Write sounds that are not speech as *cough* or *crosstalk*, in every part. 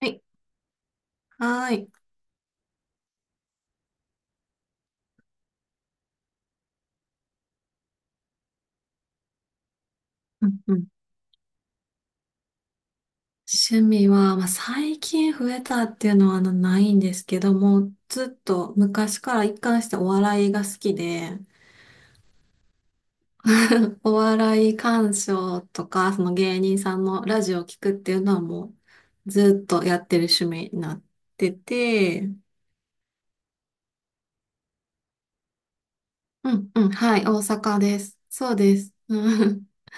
はい。はーい。うんうん。趣味は、まあ、最近増えたっていうのはないんですけども、ずっと昔から一貫してお笑いが好きで、お笑い鑑賞とか、その芸人さんのラジオを聞くっていうのはもうずっとやってる趣味になってて、うんうん、はい、大阪です。そうです。うん *laughs*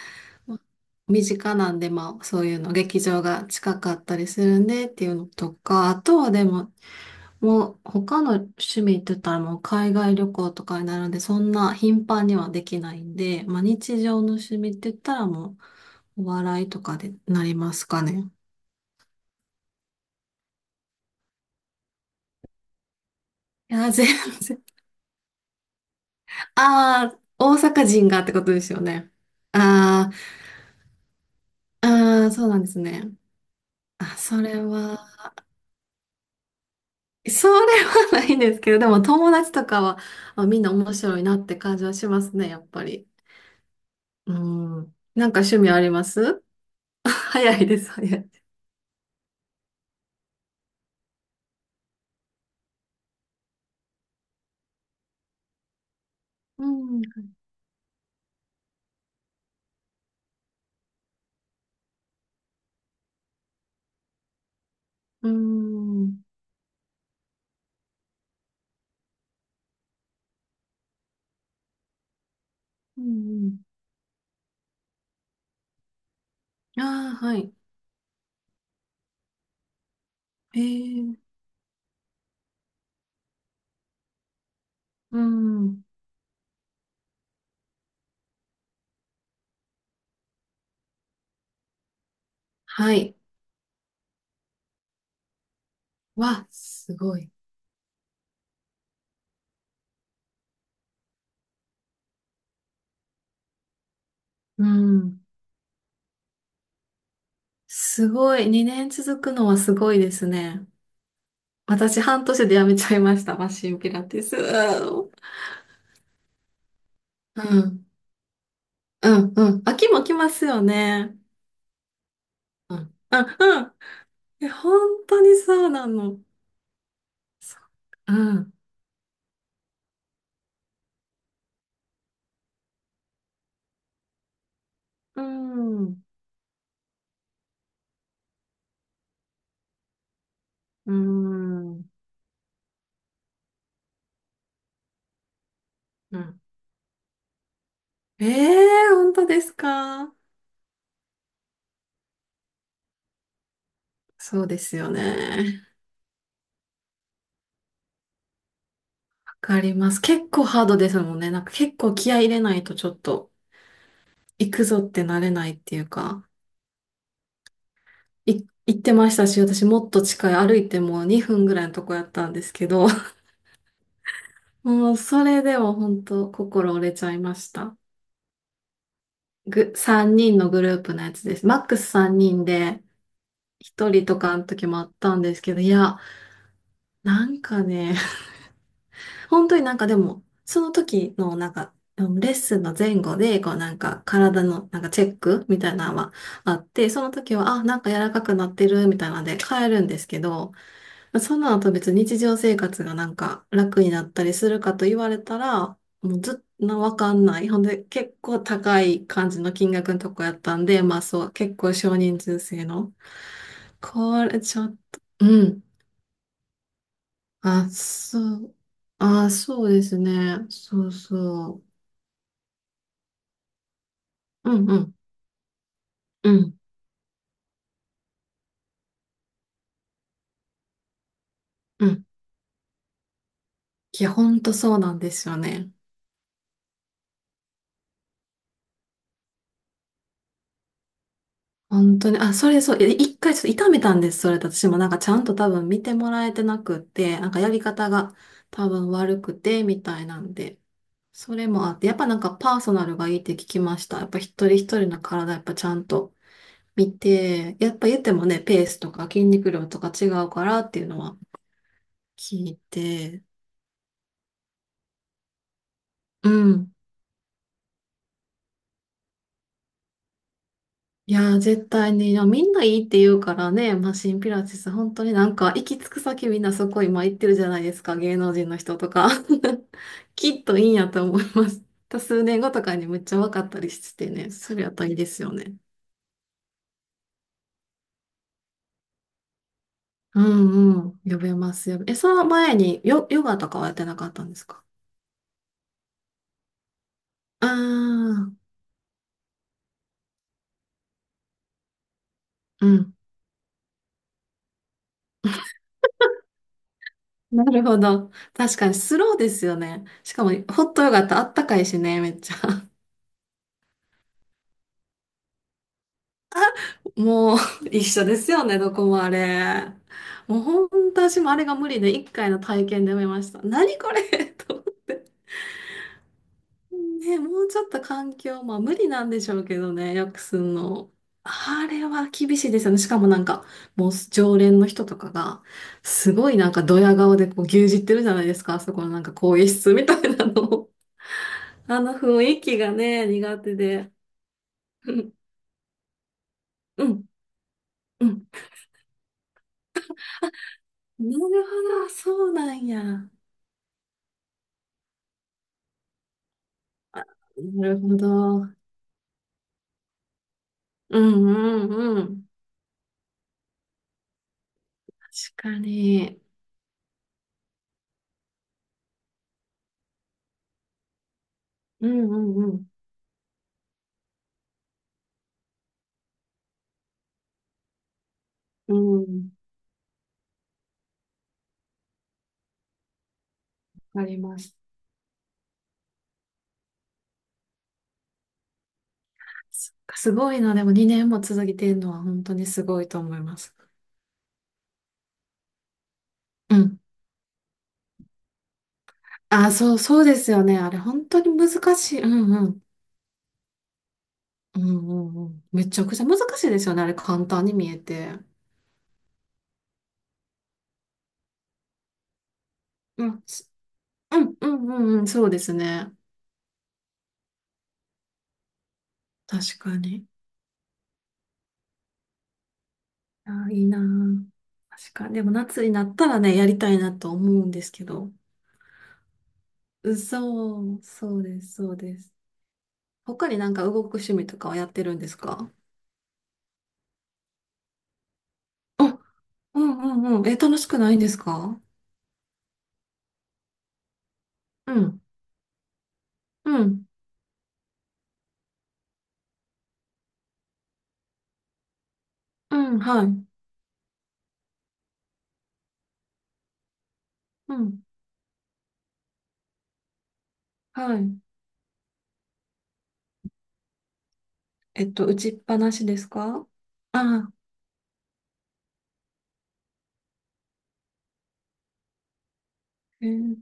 身近なんで、まあ、そういうの、劇場が近かったりするんでっていうのとか、あとはでも、もう他の趣味って言ったらもう海外旅行とかになるんで、そんな頻繁にはできないんで、まあ日常の趣味って言ったらもうお笑いとかでなりますかね。いや、全然。*laughs* ああ、大阪人がってことですよね。ああ、ああ、そうなんですね。あ、それはないんですけど、でも友達とかは、あ、みんな面白いなって感じはしますね、やっぱり。うん。なんか趣味あります？ *laughs* 早いです、早い。うんうーん。うんうん。ああ、はい。へえ。うん。はい。わ、すごい。うん。すごい。2年続くのはすごいですね。私、半年で辞めちゃいました。マシンピラティス。うん。うん。うん。秋も来ますよね。うん。うん。うん。え、本当にそうなの。そう。うん。うん。うん。うん。ええー、本当ですか？そうですよね。かります。結構ハードですもんね。なんか結構気合い入れないとちょっと行くぞってなれないっていうか、行ってましたし、私もっと近い歩いてもう2分ぐらいのとこやったんですけど、*laughs* もうそれでも本当心折れちゃいました。3人のグループのやつです。マックス3人で1人とかの時もあったんですけど、いや、なんかね、本当になんかでも、その時のなんか、うんレッスンの前後で、こうなんか体のなんかチェックみたいなのはあって、その時は、あ、なんか柔らかくなってるみたいなので変えるんですけど、その後別に日常生活がなんか楽になったりするかと言われたら、もうずっとわかんない。ほんで結構高い感じの金額のとこやったんで、まあそう、結構少人数制の。これちょっと、うん。あ、そう。あ、そうですね。そうそう。うんうん。うん。うん。いや、ほんとそうなんですよね。本当に。あ、それそう。い一回ちょっと痛めたんです。それ私もなんかちゃんと多分見てもらえてなくって、なんかやり方が多分悪くて、みたいなんで。それもあって、やっぱなんかパーソナルがいいって聞きました。やっぱ一人一人の体やっぱちゃんと見て、やっぱ言ってもね、ペースとか筋肉量とか違うからっていうのは聞いて、うん。いやー、絶対に、いやみんないいって言うからね、マシンピラティス、本当になんか、行き着く先みんなそこ今行ってるじゃないですか、芸能人の人とか。*laughs* きっといいんやと思います。た数年後とかにむっちゃ分かったりしてね、それやったらいいですよね。うんうん、呼べますよ。え、その前にヨガとかはやってなかったんですか？ああー、うん。なるほど。確かにスローですよね。しかも、ホットヨガってあったかいしね、めっちゃ。もう *laughs* 一緒ですよね、どこもあれ。もう本当私もあれが無理で一回の体験で見ました。何これ *laughs* と思って。ね、もうちょっと環境、まあ無理なんでしょうけどね、よくすんの。あれは厳しいですよね。しかもなんか、もう常連の人とかが、すごいなんかドヤ顔でこう牛耳ってるじゃないですか、あそこのなんか更衣室みたいなの、あの雰囲気がね、苦手で。うん、うん、うん。なるほど、そうなんや。なるほど。うんうんうん。確かに。うんうんうん。うん。わかります。そっかすごいな。でも2年も続いてるのは本当にすごいと思います。うん。あ、そう、そうですよね。あれ本当に難しい。うんうん。うんうんうん。めちゃくちゃ難しいですよね。あれ簡単に見えて。うん。す、うんうんうんうん。そうですね。確かに。あ、いいな。確かに。でも夏になったらね、やりたいなと思うんですけど。うそう、そうです、そうです。他になんか動く趣味とかはやってるんですか？あ、うんうんうん。え、楽しくないんですか？うん、うん、うん、はい、うん、はい。えっと、打ちっぱなしですか？ああ、えー、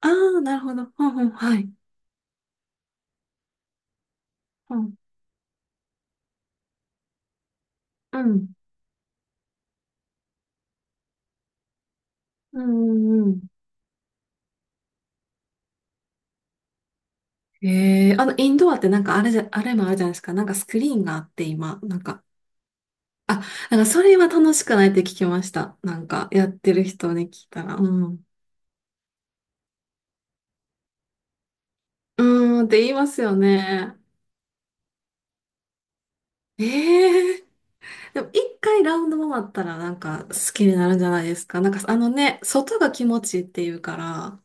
ああ、なるほど。うんうん、はい。うん、うん、うん、うん。ええー、あの、インドアってなんかあれじゃ、あれもあるじゃないですか。なんかスクリーンがあって今、なんか、あ、なんかそれは楽しくないって聞きました。なんかやってる人に聞いたら。うん。うーんって言いますよね。ええ、でも一回ラウンド回ったらなんか好きになるんじゃないですか。なんかあのね、外が気持ちいいっていうから。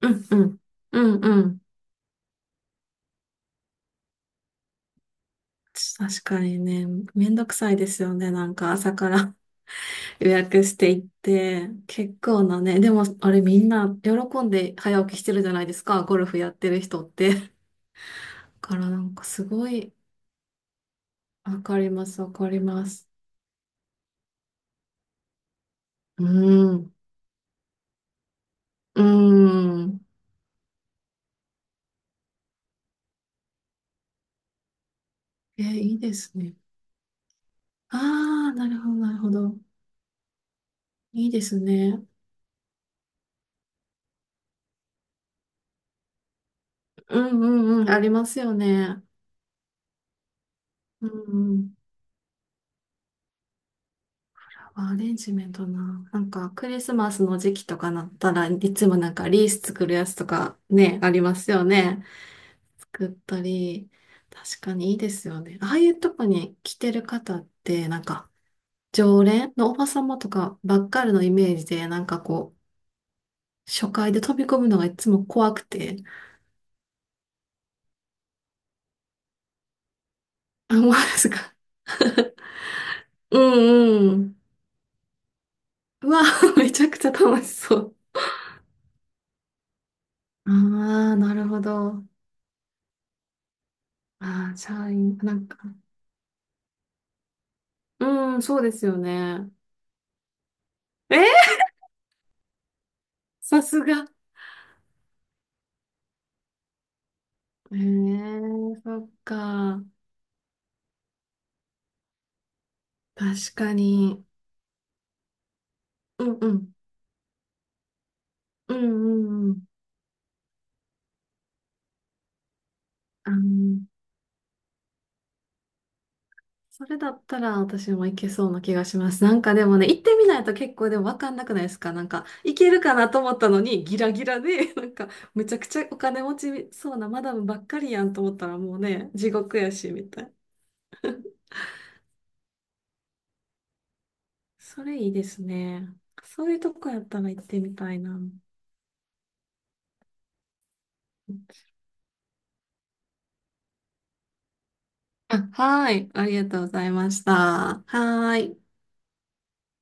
うんうん。うんうん。確かにね、めんどくさいですよね。なんか朝から *laughs* 予約していって、結構なね、でもあれみんな喜んで早起きしてるじゃないですか。ゴルフやってる人って。だからなんかすごい、わかります、わかります。うん。うん。え、いいですね。ああ、なるほど、なるほど。いいですね。うんうんうん、ありますよね。うんうん。アレンジメントな。なんか、クリスマスの時期とかなったらいつもなんかリース作るやつとかね、ありますよね。作ったり。確かにいいですよね。ああいうとこに来てる方って、なんか、常連のおば様とかばっかりのイメージで、なんかこう、初回で飛び込むのがいつも怖くて。あ、思いますか？ *laughs* うんうん。うわ、*laughs* めちゃくちゃ楽しそう。ああ、なるほど。ああ、じゃあ、いいなんか、うん、そうですよね。えー、さすが。えー、そっか。確かに。うんうん。うんうんうん。あの、それだったら私もいけそうな気がします。なんかでもね、行ってみないと結構でもわかんなくないですか？なんか、いけるかなと思ったのにギラギラで、*laughs* なんか、むちゃくちゃお金持ちそうなマダムばっかりやんと思ったらもうね、地獄やし、みたいな。それいいですね。そういうとこやったら行ってみたいな。あ、はい。ありがとうございました。はい。